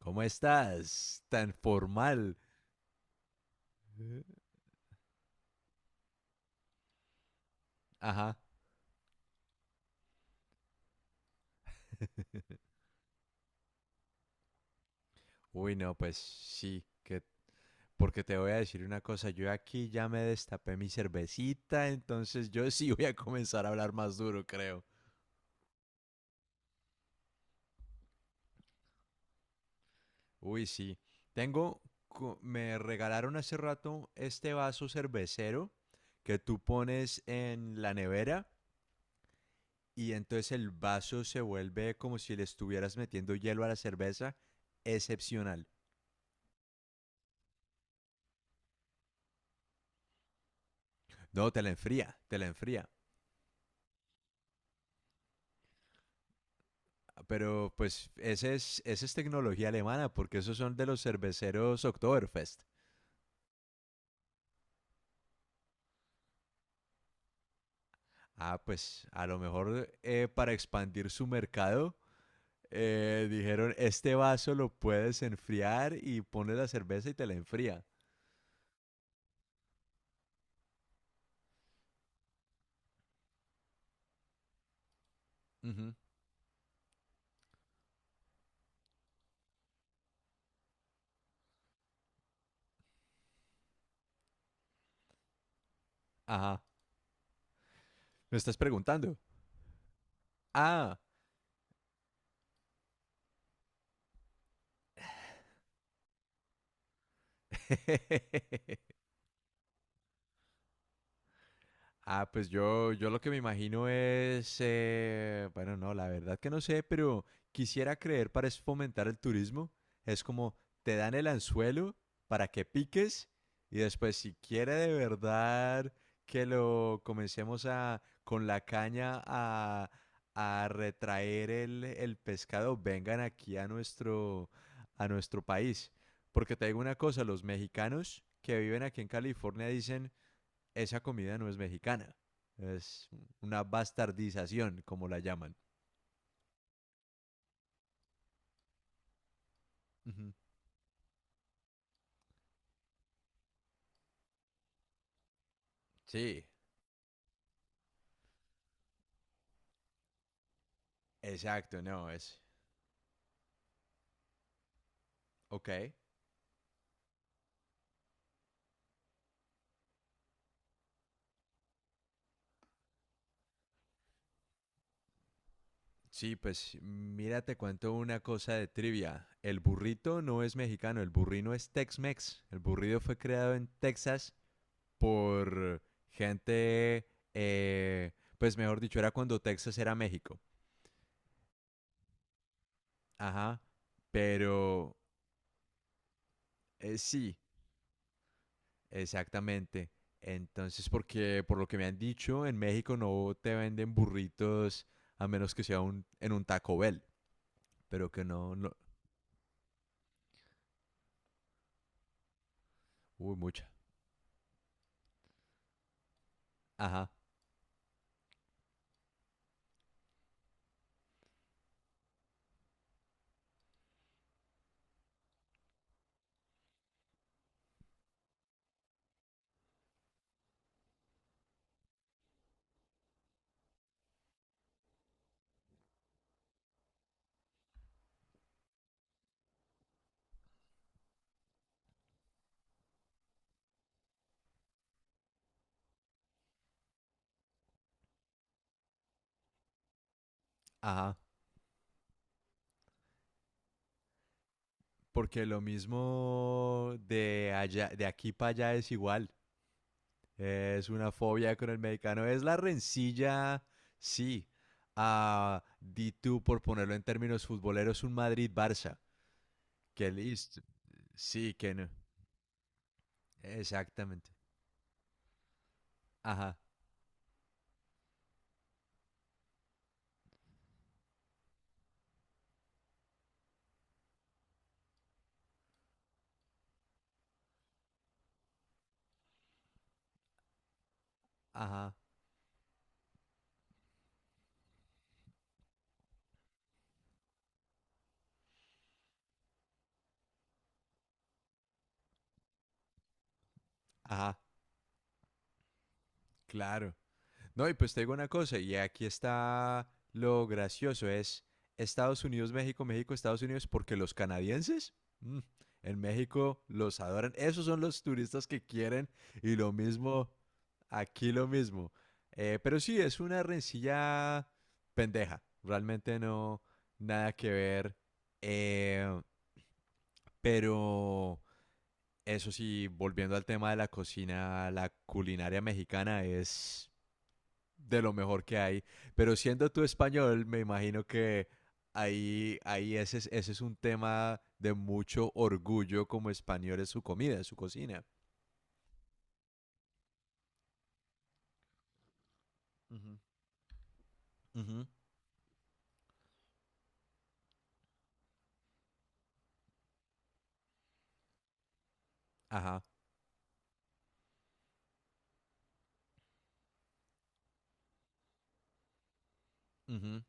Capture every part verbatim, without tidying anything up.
¿Cómo estás? Tan formal. Ajá. Uy, no, pues sí, que porque te voy a decir una cosa, yo aquí ya me destapé mi cervecita, entonces yo sí voy a comenzar a hablar más duro, creo. Uy, sí. Tengo co- me regalaron hace rato este vaso cervecero que tú pones en la nevera y entonces el vaso se vuelve como si le estuvieras metiendo hielo a la cerveza. Excepcional. No, te la enfría, te la enfría. Pero pues ese es, esa es tecnología alemana, porque esos son de los cerveceros Oktoberfest. Ah, pues a lo mejor eh, para expandir su mercado, eh, dijeron, este vaso lo puedes enfriar y pones la cerveza y te la enfría. Ujú. Ajá. ¿Me estás preguntando? Ah. Ah, pues yo, yo lo que me imagino es, eh, bueno, no, la verdad que no sé, pero quisiera creer para es fomentar el turismo. Es como te dan el anzuelo para que piques y después si quiere de verdad que lo comencemos a con la caña a, a retraer el, el pescado, vengan aquí a nuestro, a nuestro país. Porque te digo una cosa, los mexicanos que viven aquí en California dicen esa comida no es mexicana. Es una bastardización, como la llaman. Ujú. Sí, exacto, no, es... Ok. Sí, pues mira, te cuento una cosa de trivia. El burrito no es mexicano, el burrino es Tex-Mex. El burrito fue creado en Texas por gente, eh, pues mejor dicho, era cuando Texas era México. Ajá, pero eh, sí, exactamente. Entonces, porque por lo que me han dicho, en México no te venden burritos a menos que sea un, en un Taco Bell, pero que no, no, uy, mucha. Ajá, ajá. Porque lo mismo de allá, de aquí para allá es igual. Es una fobia con el mexicano. Es la rencilla, sí. Ah, di tú, por ponerlo en términos futboleros, un Madrid-Barça. Que listo. Sí, que no. Exactamente. Ajá, ajá, ajá. Claro. No, y pues te digo una cosa, y aquí está lo gracioso, es Estados Unidos, México, México, Estados Unidos, porque los canadienses mm, en México los adoran. Esos son los turistas que quieren y lo mismo, aquí lo mismo. Eh, pero sí, es una rencilla pendeja, realmente no, nada que ver. Eh, pero eso sí, volviendo al tema de la cocina, la culinaria mexicana es de lo mejor que hay. Pero siendo tú español, me imagino que ahí, ahí ese, es- ese es un tema de mucho orgullo como español, es su comida, es su cocina. Ujú, ujú, ajá, ujú,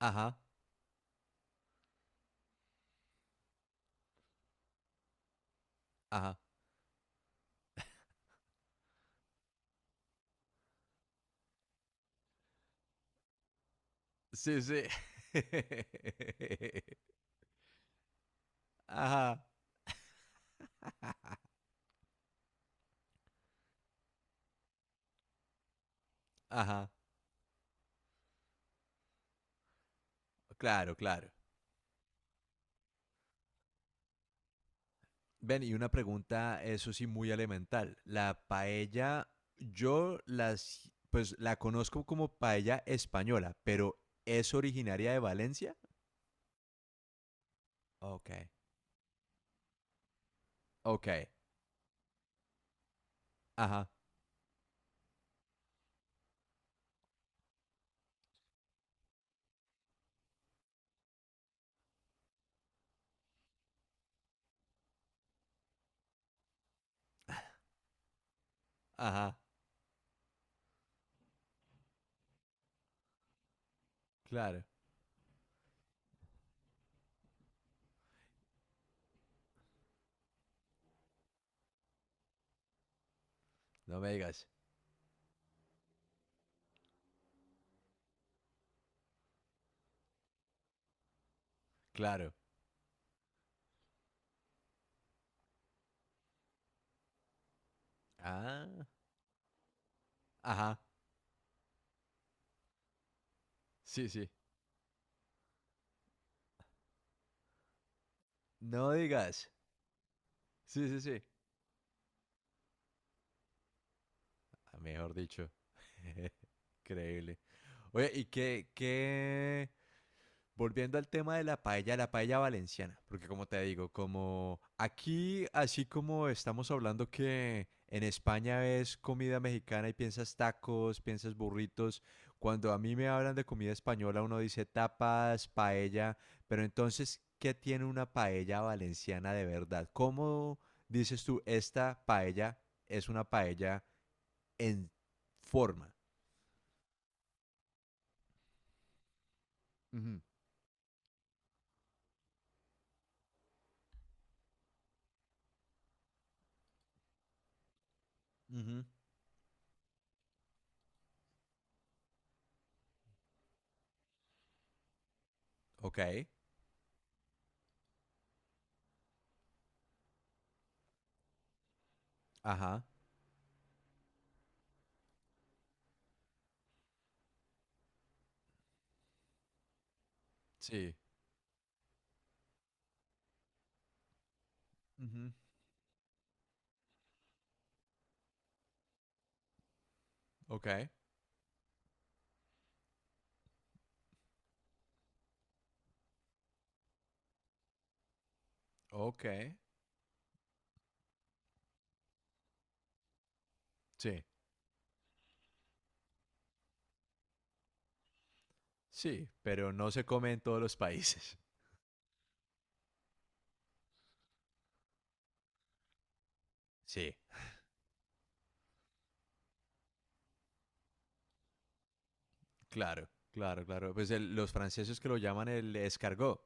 ajá, ajá. Sí, sí. Ajá, ajá. Claro, claro. Ven, y una pregunta, eso sí, muy elemental. La paella, yo las, pues la conozco como paella española, pero ¿es originaria de Valencia? Ok. Ok. Ajá. Ajá. Claro. No me digas. Claro. Ah. Ajá. Sí, sí. No digas. Sí, sí, sí. Ah, mejor dicho. Increíble. Oye, ¿y qué, qué, volviendo al tema de la paella, la paella valenciana, porque como te digo, como aquí, así como estamos hablando que en España ves comida mexicana y piensas tacos, piensas burritos, cuando a mí me hablan de comida española uno dice tapas, paella, pero entonces, ¿qué tiene una paella valenciana de verdad? ¿Cómo dices tú esta paella es una paella en forma? Ujú, ujú, ok, ajá, sí, ujú, ok. Ok, sí, sí, pero no se come en todos los países. Sí, claro, claro, claro. Pues el- los franceses que lo llaman el escargot.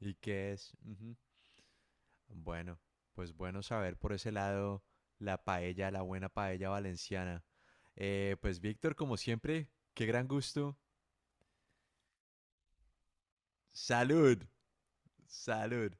¿Y qué es? Ujú. Bueno, pues bueno saber por ese lado la paella, la buena paella valenciana. Eh, pues Víctor, como siempre, qué gran gusto. Salud, salud.